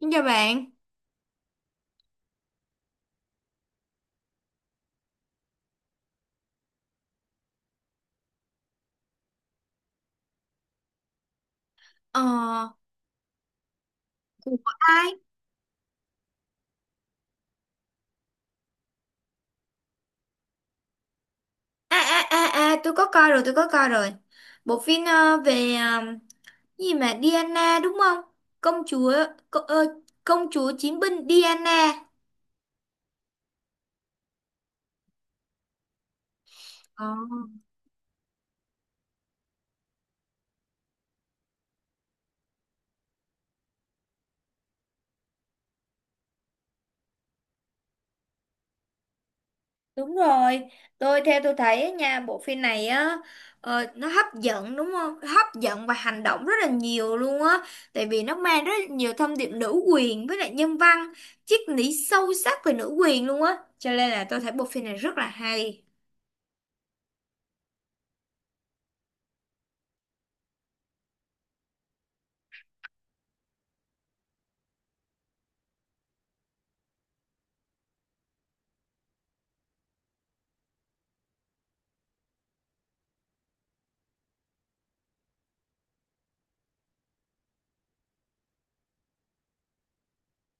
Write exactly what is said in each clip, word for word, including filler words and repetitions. Xin chào bạn. Ờ, của ai? À, à, à, à, tôi có coi rồi, tôi có coi rồi. Bộ phim ờ, về ờ, cái gì mà Diana đúng không? Công chúa, co, ờ, công chúa chiến binh Diana. Ờ, đúng rồi. Tôi theo tôi thấy á nha, bộ phim này á ờ, nó hấp dẫn đúng không? Hấp dẫn và hành động rất là nhiều luôn á. Tại vì nó mang rất là nhiều thông điệp nữ quyền với lại nhân văn, triết lý sâu sắc về nữ quyền luôn á. Cho nên là tôi thấy bộ phim này rất là hay.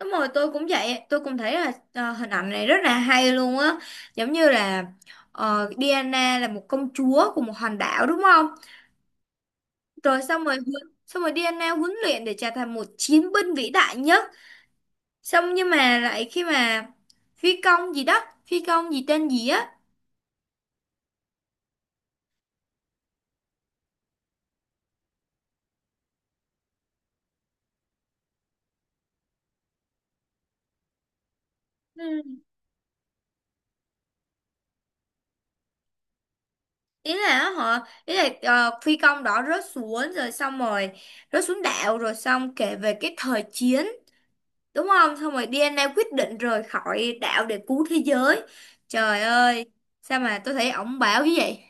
Đúng rồi, tôi cũng vậy, tôi cũng thấy là ờ, hình ảnh này rất là hay luôn á, giống như là ờ, Diana là một công chúa của một hòn đảo đúng không? Rồi xong rồi huấn- xong rồi Diana huấn luyện để trở thành một chiến binh vĩ đại nhất. Xong nhưng mà lại khi mà phi công gì đó, phi công gì tên gì á, ừ. ý là họ ý là ờ, phi công đó rớt xuống rồi xong rồi rớt xuống đảo rồi xong kể về cái thời chiến đúng không, xong rồi đê en a quyết định rời khỏi đảo để cứu thế giới. Trời ơi, sao mà tôi thấy ổng bảo như vậy.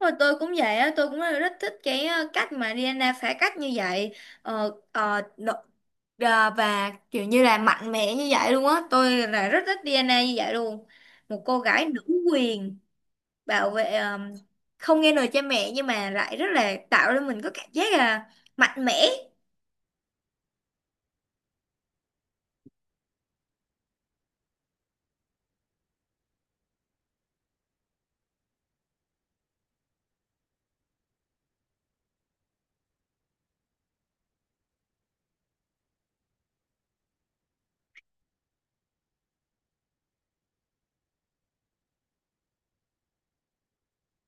Rồi tôi cũng vậy á, tôi cũng rất thích cái ờ, cách mà đi en ây phá cách như vậy, ờ, ờ, đ- ờ, và kiểu như là mạnh mẽ như vậy luôn á, tôi là rất thích đê en a như vậy luôn. Một cô gái nữ quyền, bảo vệ ờ, không nghe lời cha mẹ, nhưng mà lại rất là tạo cho mình có cảm giác là mạnh mẽ.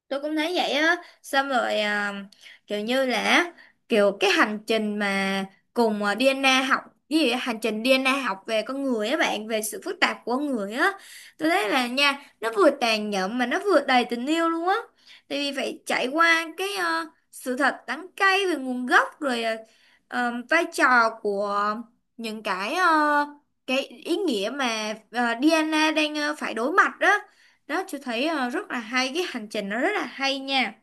Tôi cũng thấy vậy á, xong rồi à, kiểu như là kiểu cái hành trình mà cùng à, đi en ây học cái gì á, hành trình đê en a học về con người á bạn, về sự phức tạp của con người á. Tôi thấy là nha, nó vừa tàn nhẫn mà nó vừa đầy tình yêu luôn á. Tại vì phải trải qua cái à, sự thật đắng cay về nguồn gốc, rồi à, ờ, vai trò của những cái ờ, cái ý nghĩa mà ờ, đê en a đang ờ, phải đối mặt đó. Đó chị thấy ờ, rất là hay, cái hành trình nó rất là hay nha.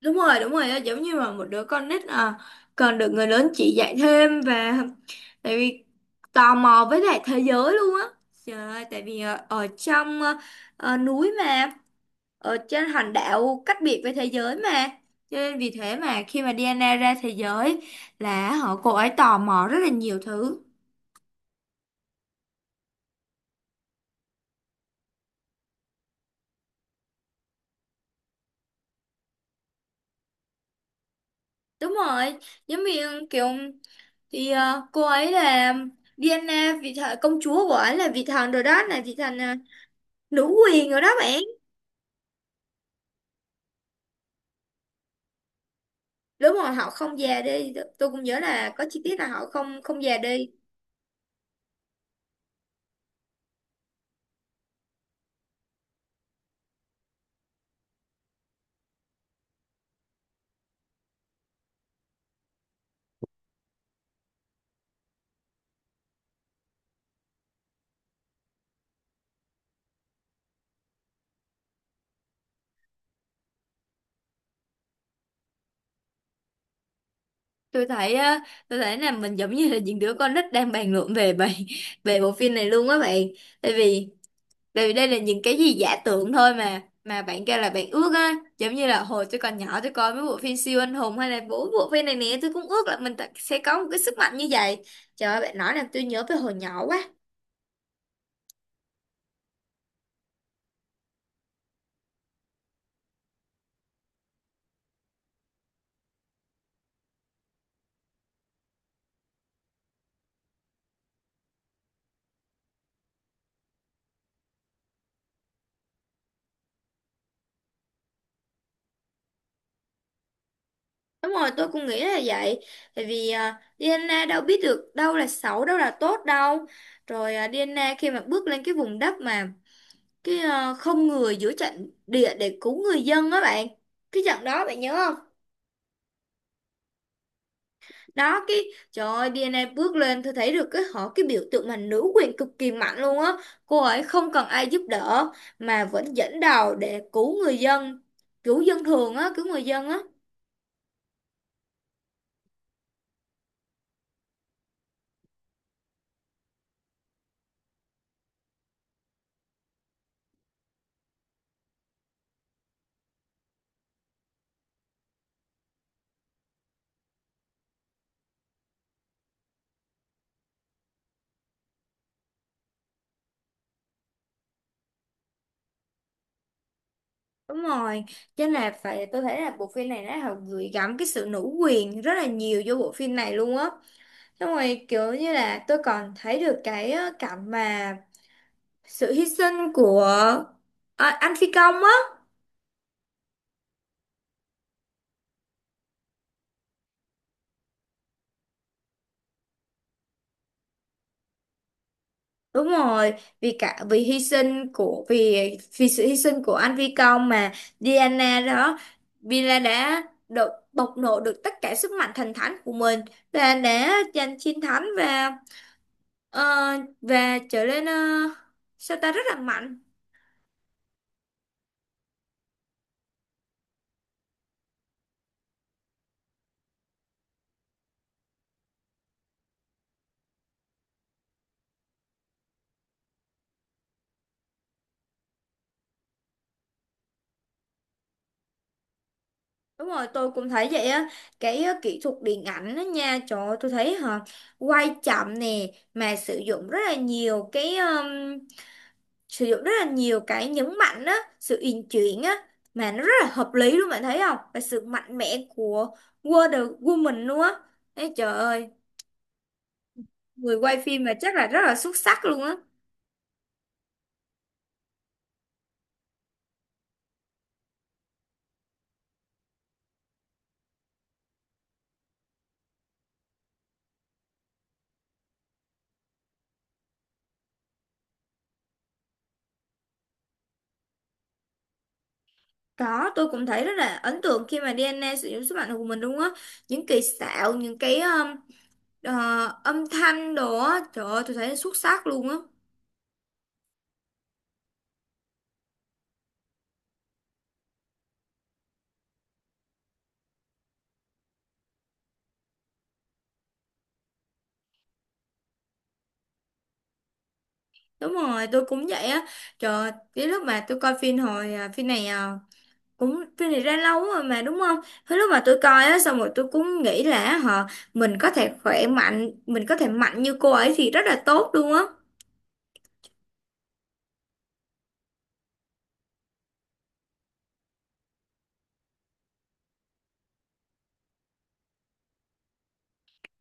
Đúng rồi, đúng rồi, giống như mà một đứa con nít ờ, còn được người lớn chỉ dạy thêm, và tại vì tò mò với lại thế giới luôn á. Trời ơi, tại vì ờ, ở trong ờ, ờ, núi mà ở trên hòn đảo cách biệt với thế giới mà, cho nên vì thế mà khi mà Diana ra thế giới là họ cô ấy tò mò rất là nhiều thứ. Đúng rồi, giống như kiểu thì ờ, cô ấy là Diana vị thần, công chúa của ấy là vị thần rồi, đó là vị thần ờ, nữ quyền rồi đó bạn. Đúng rồi, họ không già đi. Tôi cũng nhớ là có chi tiết là họ không không già đi. Tôi thấy ờ, tôi thấy là mình giống như là những đứa con nít đang bàn luận về bài về bộ phim này luôn á bạn. Tại vì Tại vì đây là những cái gì giả tưởng thôi, mà mà bạn kêu là bạn ước á, giống như là hồi tôi còn nhỏ tôi coi mấy bộ phim siêu anh hùng, hay là bộ bộ phim này nè, tôi cũng ước là mình ta- sẽ có một cái sức mạnh như vậy. Trời ơi, bạn nói làm tôi nhớ về hồi nhỏ quá. Đúng rồi, tôi cũng nghĩ là vậy. Tại vì uh, đê en a đâu biết được đâu là xấu đâu là tốt đâu. Rồi à, đê en a khi mà bước lên cái vùng đất mà cái à, không người giữa trận địa để cứu người dân á bạn, cái trận đó bạn nhớ không? Đó cái, trời ơi, đê en a bước lên, tôi thấy được cái họ cái biểu tượng mà nữ quyền cực kỳ mạnh luôn á. Cô ấy không cần ai giúp đỡ mà vẫn dẫn đầu để cứu người dân, cứu dân thường á, cứu người dân á. Đúng rồi, cho nên là phải, tôi thấy là bộ phim này nó họ gửi gắm cái sự nữ quyền rất là nhiều vô bộ phim này luôn á. Xong rồi kiểu như là tôi còn thấy được cái ờ, cảnh mà sự hy sinh của ờ, anh phi công á. Đúng rồi, vì cả vì hy sinh của vì vì sự hy sinh của anh Phi Công mà Diana đó, Villa đã được bộc lộ được tất cả sức mạnh thần thánh của mình, và đã giành chiến thắng, và ờ, và trở nên uh, sao ta rất là mạnh. Đúng rồi, tôi cũng thấy vậy á. Cái ờ, kỹ thuật điện ảnh đó nha, trời ơi, tôi thấy hả, quay chậm nè, mà sử dụng rất là nhiều cái sử dụng rất là nhiều cái nhấn mạnh á, sự uyển chuyển á, mà nó rất là hợp lý luôn bạn thấy không, và sự mạnh mẽ của Wonder Woman luôn á. Ê, trời ơi, người quay phim mà chắc là rất là xuất sắc luôn á. Có, tôi cũng thấy rất là ấn tượng khi mà đê en a sử dụng sức mạnh của mình luôn á, những kỳ xạo, những cái um, ờ, âm thanh đồ á, trời ơi tôi thấy xuất sắc luôn á. Đúng rồi, tôi cũng vậy á. Trời ơi, cái lúc mà tôi coi phim hồi à, phim này à, cũng phim này ra lâu rồi mà đúng không? Thế lúc mà tôi coi á xong rồi tôi cũng nghĩ là họ mình có thể khỏe mạnh, mình có thể mạnh như cô ấy thì rất là tốt luôn á.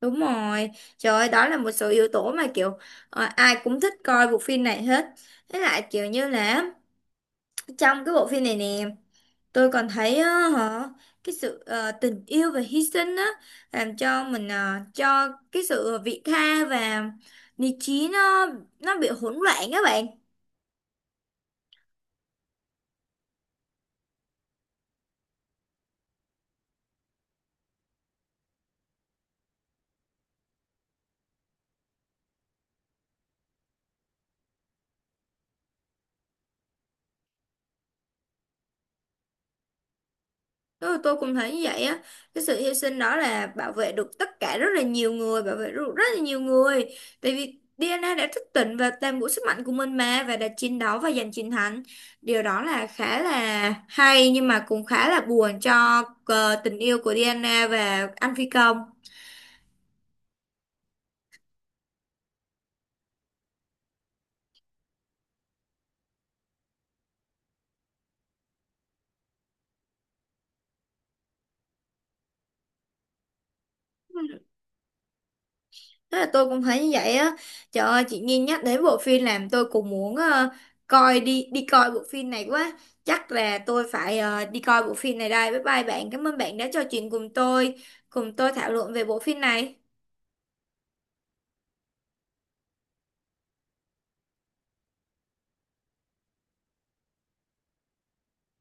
Đúng rồi. Trời ơi, đó là một số yếu tố mà kiểu ờ, ai cũng thích coi bộ phim này hết. Với lại kiểu như là trong cái bộ phim này nè, tôi còn thấy á, họ cái sự ờ, tình yêu và hy sinh á, làm cho mình ờ, cho cái sự vị tha và lý trí nó nó bị hỗn loạn các bạn. Tôi, tôi cũng thấy như vậy á, cái sự hy sinh đó là bảo vệ được tất cả rất là nhiều người, bảo vệ được rất là nhiều người. Tại vì đê en a đã thức tỉnh và toàn bộ sức mạnh của mình mà, và đã chiến đấu và giành chiến thắng. Điều đó là khá là hay, nhưng mà cũng khá là buồn cho ờ, tình yêu của đê en a và anh phi công. Thế là tôi cũng thấy như vậy á. Trời ơi, chị Nhi nhắc đến bộ phim làm tôi cũng muốn ờ, coi đi đi coi bộ phim này quá. Chắc là tôi phải ờ, đi coi bộ phim này đây. Bye bye bạn. Cảm ơn bạn đã trò chuyện cùng tôi, cùng tôi thảo luận về bộ phim này.